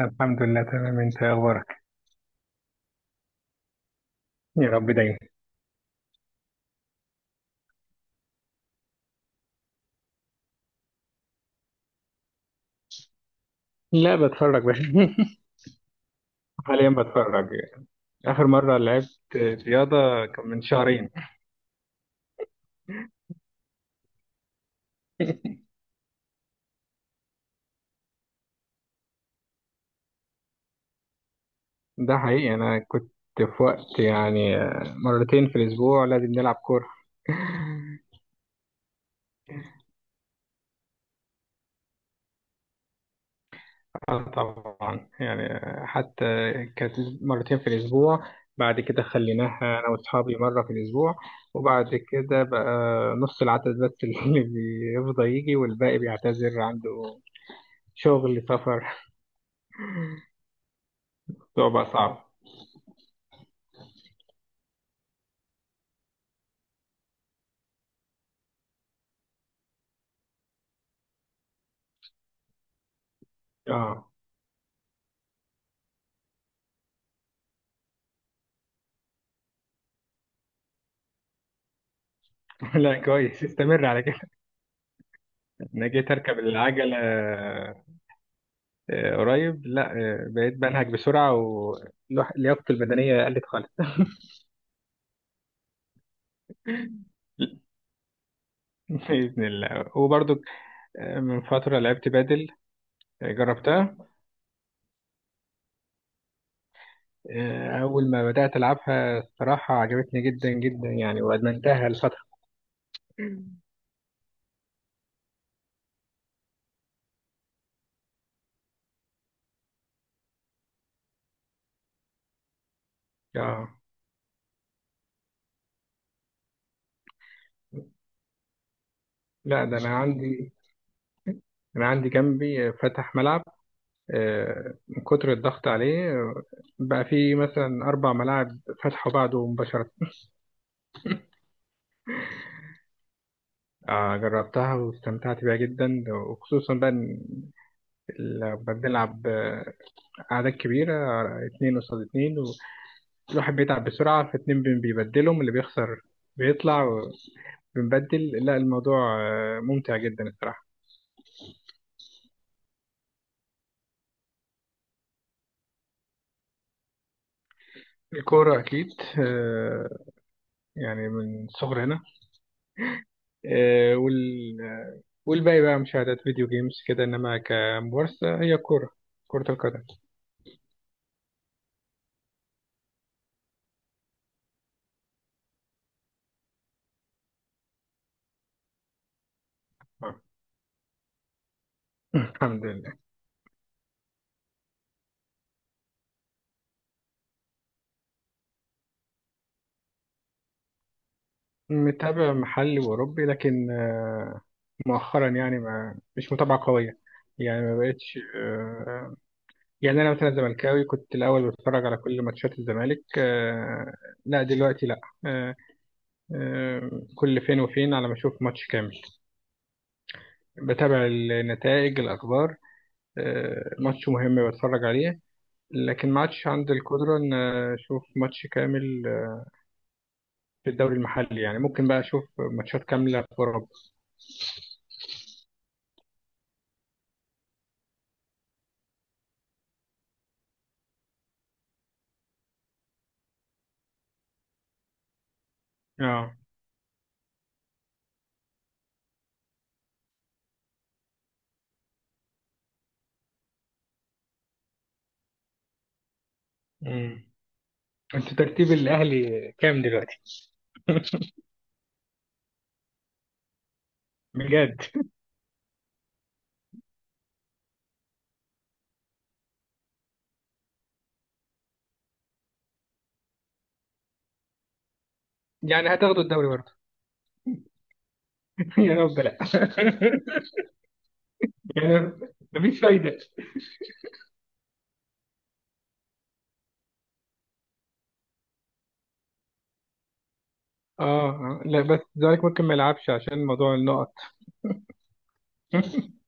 الحمد لله، تمام. انت ايه اخبارك؟ يا رب دايما. لا، بتفرج بس. حاليا بتفرج. اخر مره لعبت رياضه كان من شهرين. ده حقيقي، انا كنت في وقت يعني مرتين في الاسبوع لازم نلعب كوره. اه، طبعا يعني. حتى كانت مرتين في الأسبوع. بعد كده خليناها أنا وأصحابي مرة في الأسبوع. وبعد كده بقى نص العدد بس اللي بيفضى يجي، والباقي بيعتذر عنده شغل سفر. صعبة، صعبة. اه. لا، كويس، استمر على كده. انا جيت اركب العجلة، قريب، لا، بقيت بنهج بسرعة ولياقتي البدنية قلت خالص. بإذن الله. وبرضو من فترة لعبت بادل. جربتها. أول ما بدأت ألعبها، الصراحة عجبتني جدا جدا يعني، وأدمنتها لفترة. آه. لا، ده أنا عندي جنبي فتح ملعب. من كتر الضغط عليه، بقى في مثلا 4 ملاعب فتحوا بعده مباشرة. جربتها واستمتعت بيها جدا، وخصوصا بقى إن لما بنلعب أعداد كبيرة، اتنين قصاد اتنين، والواحد بيتعب بسرعة، فاتنين بيبدلهم اللي بيخسر، بيطلع. بنبدل، لا، الموضوع ممتع جدا الصراحة. الكورة أكيد، آه، يعني من صغرنا. والباقي بقى مشاهدات فيديو جيمز كده، إنما كممارسة هي كرة القدم. آه. الحمد لله. متابع محلي وأوروبي، لكن مؤخرا يعني ما مش متابعة قوية. يعني ما بقتش. يعني أنا مثلا زملكاوي، كنت الأول بتفرج على كل ماتشات الزمالك. لا دلوقتي لا. كل فين وفين على ما أشوف ماتش كامل. بتابع النتائج، الأخبار. ماتش مهم بتفرج عليه، لكن ما عادش عندي القدرة إن أشوف ماتش كامل في الدوري المحلي. يعني ممكن بقى أشوف ماتشات كاملة في أوروبا. آه أمم. أنت ترتيب الأهلي كام دلوقتي؟ بجد؟ يعني هتاخدوا الدوري برضه؟ يا رب، لا. يعني مفيش فايدة. آه، آه. لا بس الزمالك ممكن ما يلعبش عشان موضوع النقط.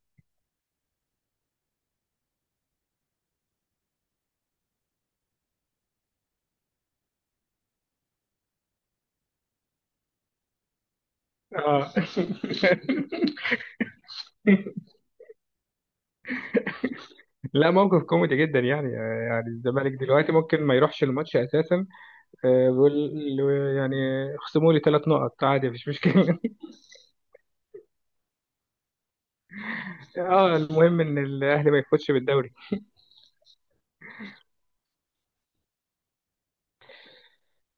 آه. لا، موقف كوميدي جدا يعني. يعني الزمالك دلوقتي ممكن ما يروحش الماتش أساسا. بيقول له، يعني، خصموا لي 3 نقط، عادي، مفيش مشكلة. اه، المهم ان الاهلي ما يفوتش بالدوري.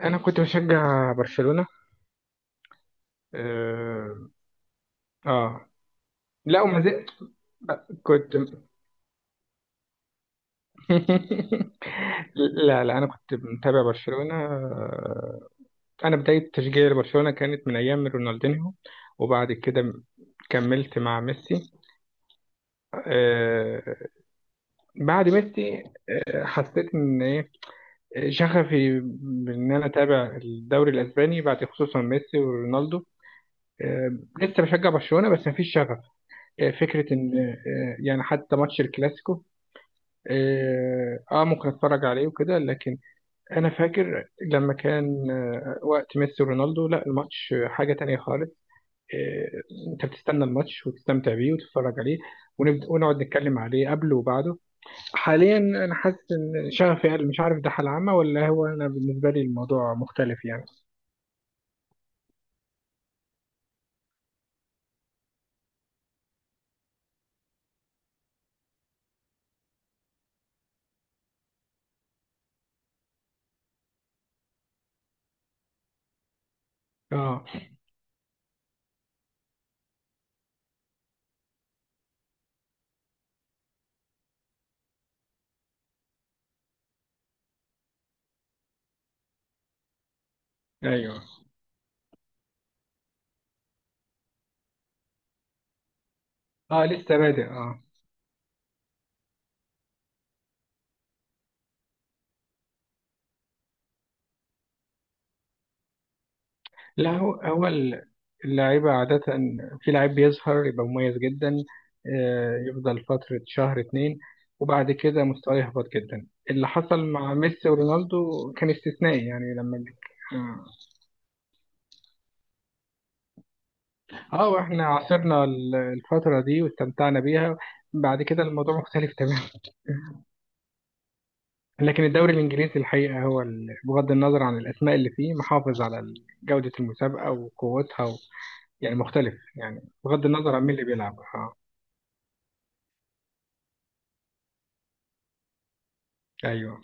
انا كنت بشجع برشلونة. اه, آه. لا، وما زلت. لا، كنت. لا، لا، انا كنت متابع برشلونة. انا بداية تشجيعي لبرشلونة كانت من ايام رونالدينيو، وبعد كده كملت مع ميسي. آه، بعد ميسي حسيت ان شغفي بان انا اتابع الدوري الاسباني بعد، خصوصا ميسي ورونالدو. لسه بشجع برشلونه، بس مفيش شغف. فكره ان يعني حتى ماتش الكلاسيكو، ممكن اتفرج عليه وكده، لكن انا فاكر لما كان وقت ميسي ورونالدو، لا، الماتش حاجه تانية خالص. آه، انت بتستنى الماتش وتستمتع بيه وتتفرج عليه، ونبدأ ونقعد نتكلم عليه قبله وبعده. حاليا انا حاسس ان شغفي قل. مش عارف ده حالة عامة، ولا هو انا بالنسبة لي الموضوع مختلف يعني. اه. ايوه. اه، لسه بادئ. اه. لا، هو اللعيبة عادة في لعيب بيظهر يبقى مميز جدا، يفضل فترة شهر اتنين، وبعد كده مستواه يهبط جدا. اللي حصل مع ميسي ورونالدو كان استثنائي يعني، لما. اه واحنا عاصرنا الفترة دي واستمتعنا بيها. بعد كده الموضوع مختلف تماما. لكن الدوري الإنجليزي الحقيقة هو بغض النظر عن الأسماء اللي فيه، محافظ على جودة المسابقة وقوتها، يعني مختلف، يعني بغض النظر عن مين اللي بيلعب. اه. أيوه.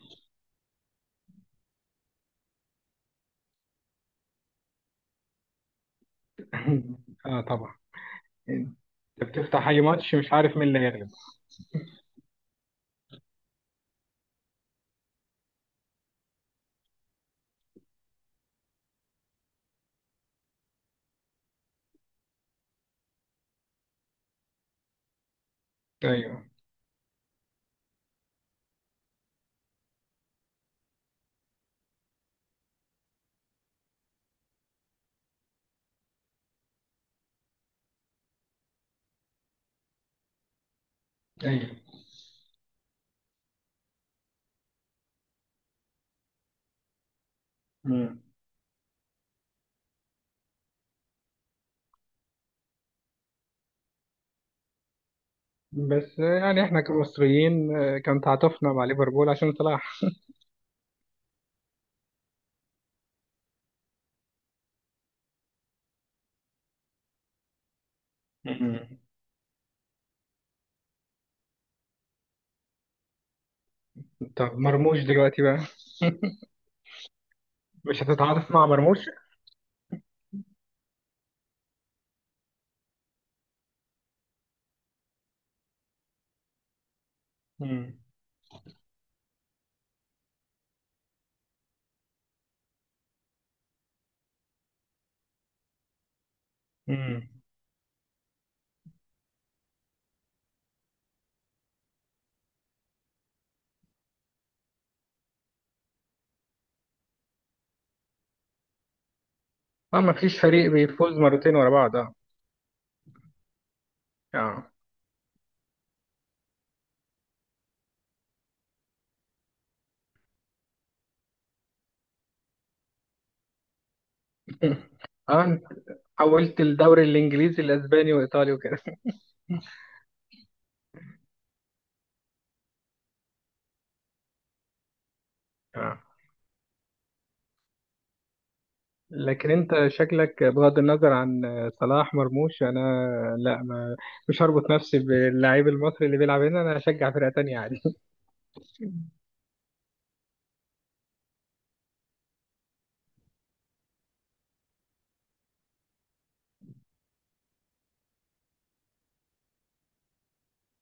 اه، طبعا. أنت بتفتح أي ماتش، مش عارف مين اللي هيغلب. أيوه. أيوه. مم. بس يعني إحنا كمصريين، كان تعاطفنا مع ليفربول عشان صلاح. مم. طب مرموش دلوقتي بقى؟ مش هتتعاطف مع مرموش؟ مم. مم. اه، ما فيش فريق بيفوز مرتين ورا بعض. اه. آه. اه، انت حولت الدوري الانجليزي الاسباني وايطالي وكده. اه. لكن انت شكلك، بغض النظر عن صلاح مرموش. انا، لا، ما، مش هربط نفسي باللاعب المصري اللي بيلعب هنا. انا هشجع فرقة تانية عادي.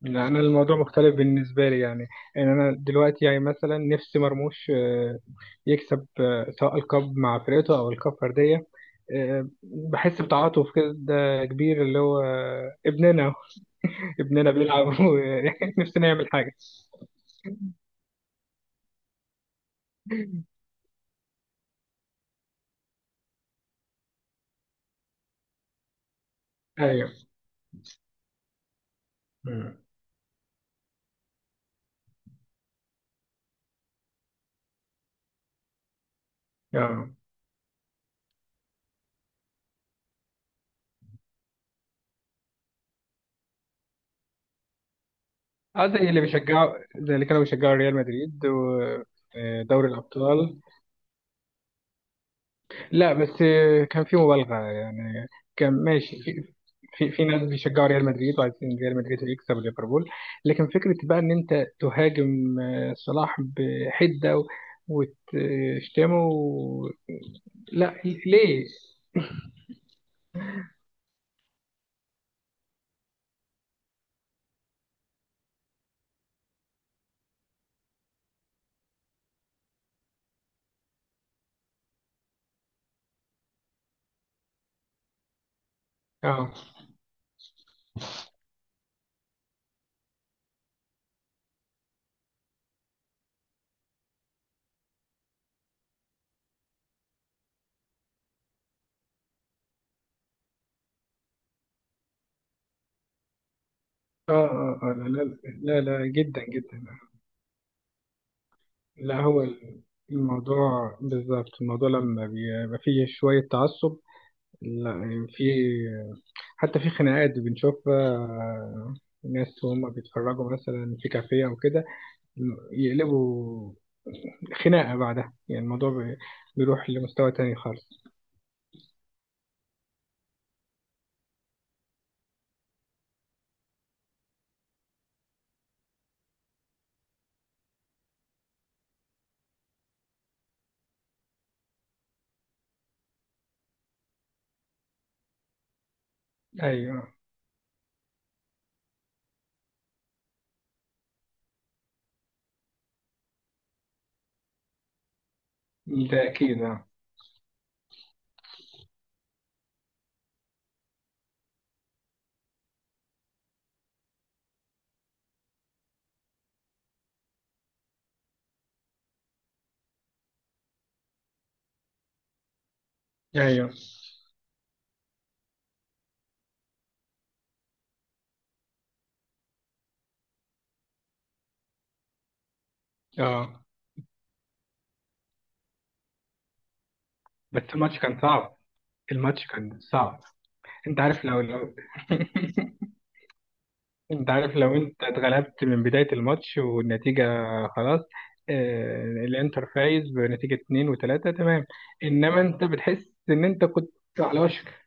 لا، انا الموضوع مختلف بالنسبة لي يعني. ان انا دلوقتي يعني مثلا نفسي مرموش يكسب، سواء الكاب مع فرقته او الكاب فردية. بحس بتعاطف كده كبير، اللي هو ابننا. ابننا بيلعب ونفسي نعمل حاجة. ايوه. مم. اه. اه، زي اللي كانوا بيشجعوا ريال مدريد ودوري الابطال. لا، بس كان في مبالغه يعني. كان ماشي في، ناس بيشجعوا ريال مدريد وعايزين ريال مدريد يكسب ليفربول. لكن فكره بقى ان انت تهاجم صلاح بحده، وتشتمه لا، ليه؟ اه لا، لا. لا، لا، جدا، جدا. لا، هو الموضوع بالظبط. الموضوع لما بيبقى فيه شوية تعصب. لا، يعني حتى في خناقات بنشوفها، ناس وهم بيتفرجوا مثلا في كافيه أو كده يقلبوا خناقة بعدها. يعني الموضوع بيروح لمستوى تاني خالص. أيوه. ده أكيد، أه. أيوه، أه. بس الماتش كان صعب. الماتش كان صعب. أنت عارف، لو انت عارف لو انت اتغلبت من بداية الماتش والنتيجة خلاص، الانتر فايز بنتيجة 2-3، تمام. انما انت بتحس ان انت كنت على وشك.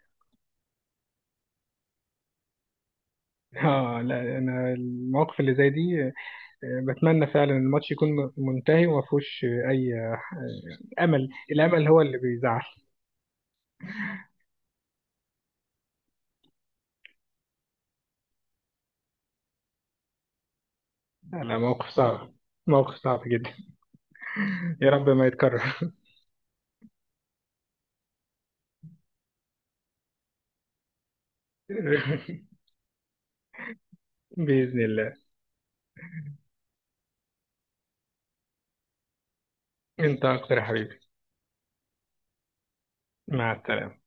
اه، لا، انا المواقف اللي زي دي بتمنى فعلا الماتش يكون منتهي وما فيهوش اي امل. الامل هو اللي بيزعل. لا، موقف صعب. موقف صعب جدا. يا رب ما يتكرر. بإذن الله. انت اكتر يا حبيبي. مع السلامة.